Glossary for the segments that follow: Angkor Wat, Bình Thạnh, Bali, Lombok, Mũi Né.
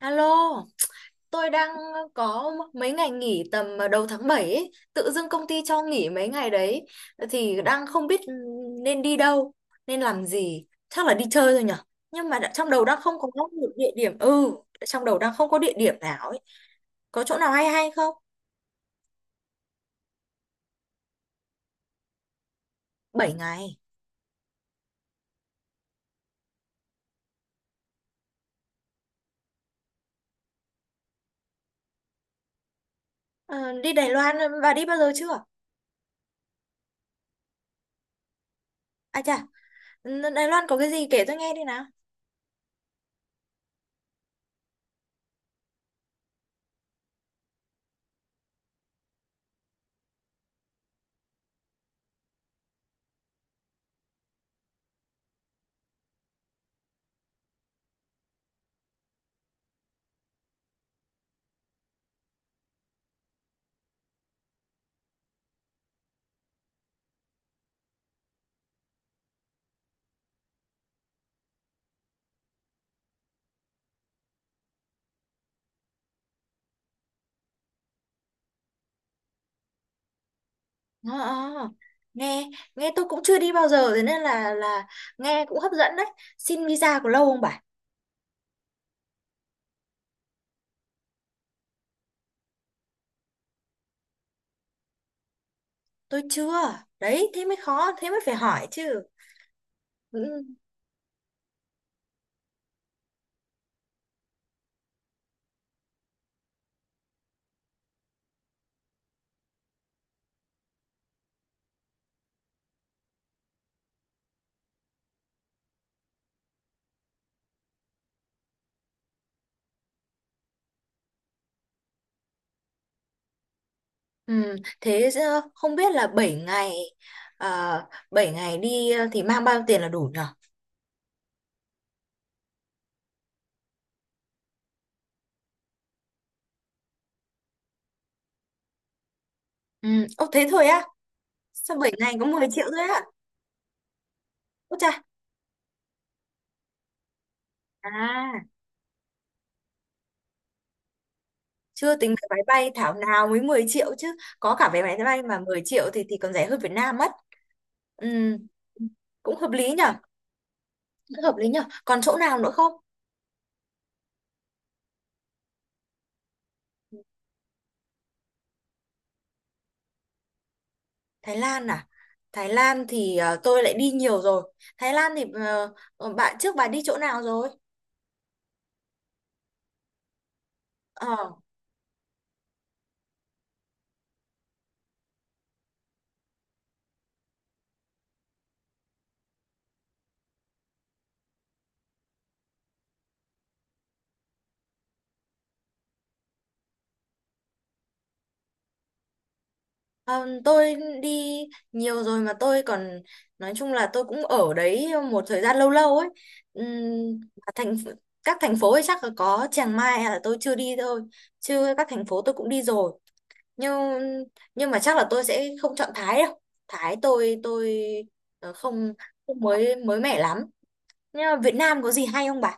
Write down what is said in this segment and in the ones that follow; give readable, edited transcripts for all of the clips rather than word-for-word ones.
Alo, tôi đang có mấy ngày nghỉ tầm đầu tháng 7 ấy. Tự dưng công ty cho nghỉ mấy ngày đấy thì đang không biết nên đi đâu, nên làm gì. Chắc là đi chơi thôi nhở. Nhưng mà đã, trong đầu đang không có một địa điểm. Ừ, trong đầu đang không có địa điểm nào ấy. Có chỗ nào hay hay không? 7 ngày. Ờ, đi Đài Loan, bà đi bao giờ chưa? À chà, Đài Loan có cái gì kể tôi nghe đi nào. Ờ, ờ. Ờ. nghe nghe tôi cũng chưa đi bao giờ, thế nên là nghe cũng hấp dẫn đấy. Xin visa có lâu không bà? Tôi chưa. Đấy, thế mới khó, thế mới phải hỏi chứ. Ừ. Ừ, thế không biết là 7 ngày 7 ngày đi, thì mang bao nhiêu tiền là đủ nhở? Ừ, ô thế thôi á. Sao 7 ngày có 10 triệu thôi á? Ô chà. À, chưa tính vé máy bay thảo nào mới 10 triệu chứ. Có cả vé máy bay mà 10 triệu thì còn rẻ hơn Việt Nam mất. Ừ, cũng hợp lý nhở? Cũng hợp lý nhở? Còn chỗ nào nữa không? Thái Lan à? Thái Lan thì tôi lại đi nhiều rồi. Thái Lan thì bạn trước bà đi chỗ nào rồi? Ờ, ờ, tôi đi nhiều rồi mà tôi còn nói chung là tôi cũng ở đấy một thời gian lâu lâu ấy. Ừm, thành các thành phố ấy chắc là có Chiang Mai là tôi chưa đi thôi. Chứ các thành phố tôi cũng đi rồi. Nhưng nhưng mà chắc là tôi sẽ không chọn Thái đâu. Thái tôi không không mới mới mẻ lắm. Nhưng mà Việt Nam có gì hay không bà?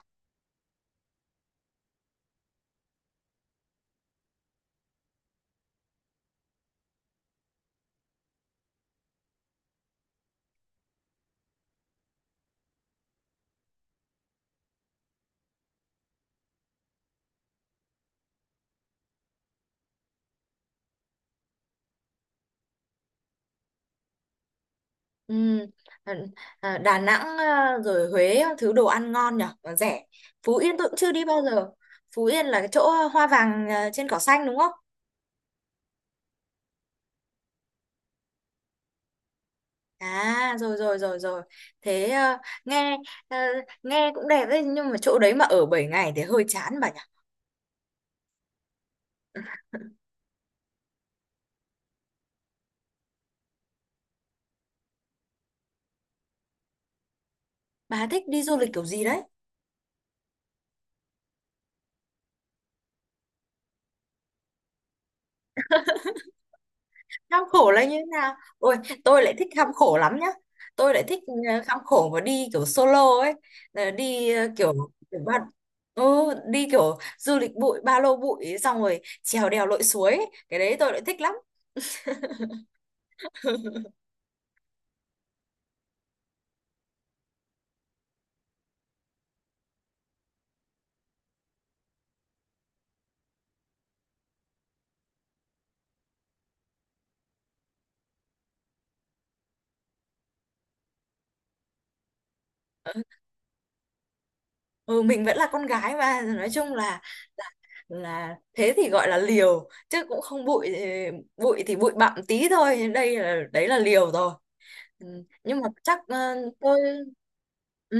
Ừ. À, Đà Nẵng à, rồi Huế thứ đồ ăn ngon nhở và rẻ. Phú Yên tôi cũng chưa đi bao giờ. Phú Yên là cái chỗ, hoa vàng, trên cỏ xanh, đúng không? À, rồi, rồi, rồi, rồi. Thế à, nghe à, nghe cũng đẹp đấy nhưng mà chỗ đấy mà ở 7 ngày thì hơi chán bà nhỉ. Bà thích đi du lịch kiểu gì đấy? Khám khổ là như thế nào, ôi tôi lại thích khám khổ lắm nhá. Tôi lại thích, khám khổ và đi kiểu solo ấy. Ờ, đi, kiểu kiểu ừ, đi kiểu du lịch bụi ba lô bụi xong rồi trèo đèo lội suối ấy. Cái đấy tôi lại thích lắm. Ừ, mình vẫn là con gái mà, nói chung là thế thì gọi là liều chứ cũng không bụi, bụi thì bụi bặm tí thôi, đây là đấy là liều rồi. Ừ, nhưng mà chắc, tôi, ừ,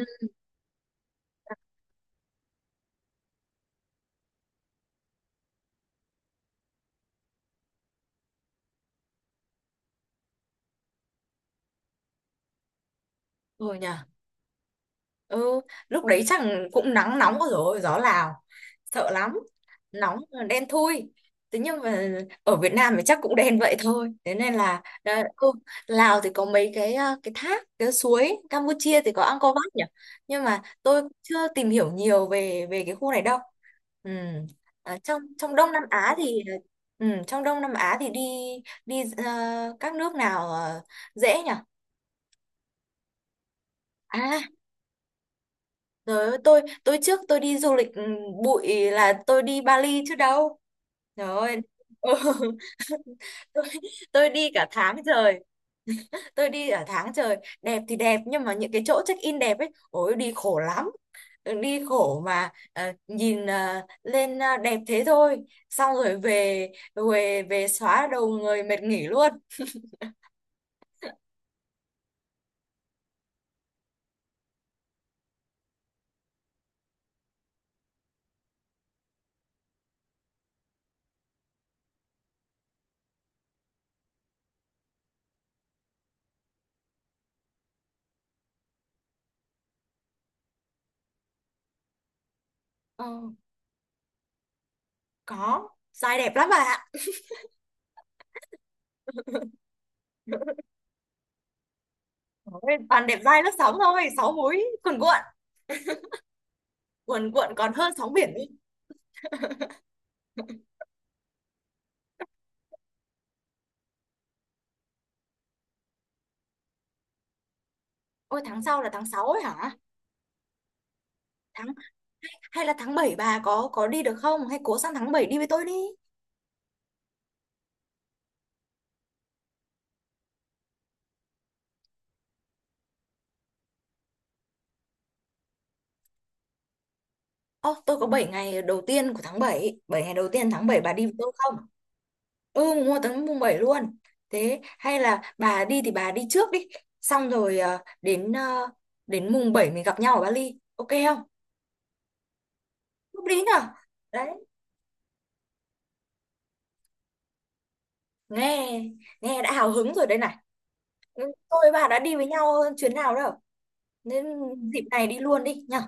rồi nhỉ. Ừ, lúc đấy chắc cũng nắng nóng rồi gió Lào sợ lắm. Nóng đen thui, thế nhưng mà ở Việt Nam thì chắc cũng đen vậy thôi, thế nên là, Lào thì có mấy cái thác cái suối, Campuchia thì có Angkor Wat nhỉ, nhưng mà tôi chưa tìm hiểu nhiều về về cái khu này đâu. Ừ. Ở trong trong Đông Nam Á thì, ừ, trong Đông Nam Á thì đi đi, các nước nào, dễ nhỉ? À. Trời ơi, tôi trước tôi đi du lịch, bụi là tôi đi Bali chứ đâu. Trời ơi. Ừ. Tôi, tôi đi cả tháng trời. Tôi đi cả tháng trời. Đẹp thì đẹp nhưng mà những cái chỗ check in đẹp ấy, ôi đi khổ lắm. Ừ, đi khổ mà, nhìn lên đẹp thế thôi. Xong rồi về về về xóa đầu người mệt nghỉ luôn. Ờ, có, dai đẹp lắm bạn ạ. Ôi, toàn đẹp dai lớp sóng thôi, 6 múi cuồn cuộn còn hơn sóng biển đi. Ôi, tháng sau là tháng 6 ấy hả? Tháng hay là tháng 7 bà có đi được không? Hay cố sang tháng 7 đi với tôi đi. Ơ, tôi có 7 ngày đầu tiên của tháng 7, 7 ngày đầu tiên tháng 7 bà đi với tôi không? Ừ, mua tháng mùng 7 luôn. Thế hay là bà đi thì bà đi trước đi, xong rồi, đến, đến mùng 7 mình gặp nhau ở Bali. Ok không? Lúc đấy nhở? Đấy, nghe nghe đã hào hứng rồi đây này. Ừ, tôi và bà đã đi với nhau chuyến nào đâu. Nên dịp này đi luôn đi nhở?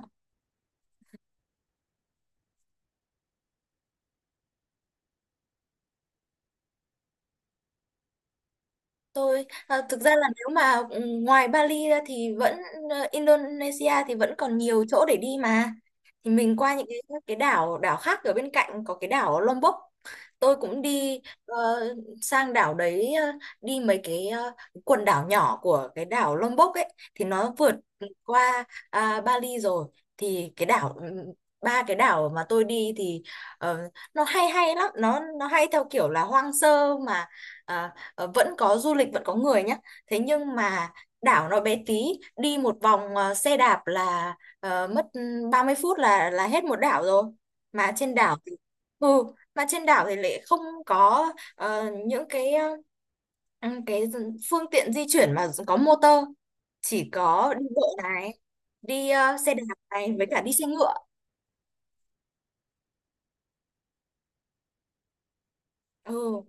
Tôi, thực ra là nếu mà, ngoài Bali ra thì vẫn, Indonesia thì vẫn còn nhiều chỗ để đi mà. Thì mình qua những cái đảo đảo khác ở bên cạnh, có cái đảo Lombok. Tôi cũng đi, sang đảo đấy, đi mấy quần đảo nhỏ của cái đảo Lombok ấy thì nó vượt qua, Bali rồi, thì 3 cái đảo mà tôi đi thì, ờ, nó hay hay lắm, nó hay theo kiểu là hoang sơ mà, ờ, ờ, vẫn có du lịch vẫn có người nhé, thế nhưng mà đảo nó bé tí, đi một vòng, xe đạp là, mất, 30 phút là hết một đảo rồi. Mà trên đảo thì, ừ, mà trên đảo thì lại không có, những cái phương tiện di chuyển mà có motor, chỉ có đi bộ này, đi, xe đạp này với cả đi xe ngựa. Ừ,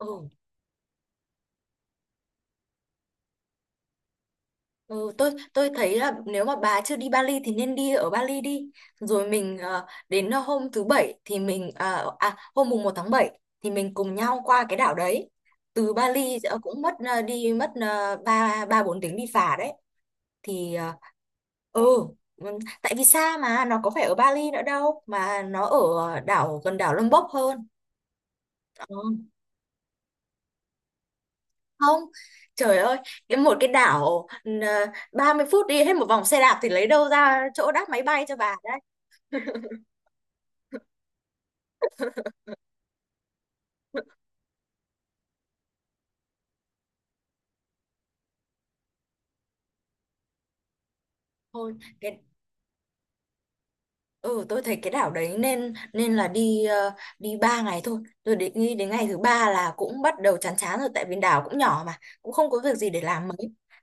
ừ. Ừ, tôi thấy là nếu mà bà chưa đi Bali thì nên đi ở Bali đi. Rồi mình, đến, hôm thứ bảy thì mình, hôm mùng 1 tháng 7 thì mình cùng nhau qua cái đảo đấy. Từ Bali, cũng mất, đi mất, ba ba bốn tiếng đi phà đấy. Thì, ừ, ừ, tại vì xa mà nó có phải ở Bali nữa đâu, mà nó ở đảo gần đảo Lombok hơn. Ờ. Không, trời ơi, một cái đảo, 30 phút đi hết một vòng xe đạp thì lấy đâu ra chỗ đáp máy bay cho bà đấy. Thôi cái. Ừ, tôi thấy cái đảo đấy nên nên là đi 3 ngày thôi. Tôi định nghĩ đến ngày thứ ba là cũng bắt đầu chán chán rồi tại vì đảo cũng nhỏ mà, cũng không có việc gì để làm mấy.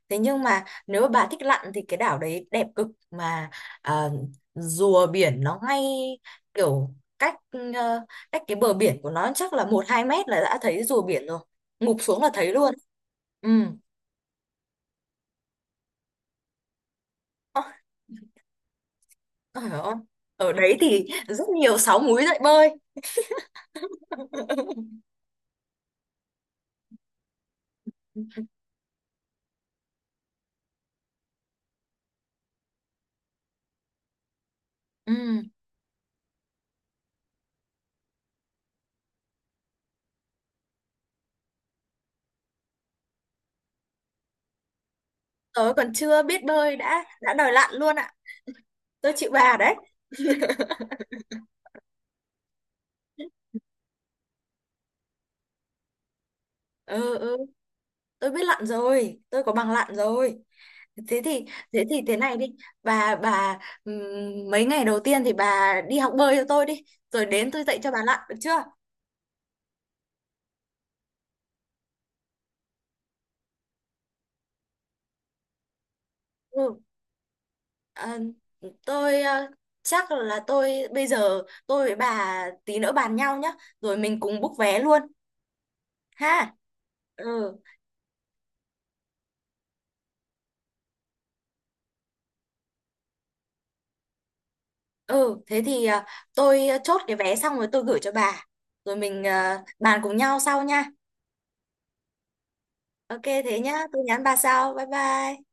Thế nhưng mà nếu mà bà thích lặn thì cái đảo đấy đẹp cực mà, ờ, rùa biển nó ngay kiểu cách ờ, cách cái bờ biển của nó chắc là một 2 mét là đã thấy rùa biển rồi. Ngụp xuống là thấy luôn. Ừ. Ơ, trời ơi. Ở đấy thì rất nhiều sáo múi dậy bơi. Ừ. Tớ còn chưa biết bơi đã đòi lặn luôn ạ. Tôi chịu bà đấy. Ừ, ừ, tôi biết lặn rồi, tôi có bằng lặn rồi. Thế thì thế thì thế này đi. Bà mấy ngày đầu tiên thì bà đi học bơi cho tôi đi, rồi đến tôi dạy cho bà lặn được chưa? Ừ. À, tôi, chắc là tôi bây giờ, tôi với bà tí nữa bàn nhau nhá, rồi mình cùng book vé luôn ha. Ừ. Ừ, thế thì, tôi, chốt cái vé xong rồi tôi gửi cho bà. Rồi mình, bàn cùng nhau sau nha. Ok thế nhá, tôi nhắn bà sau. Bye bye.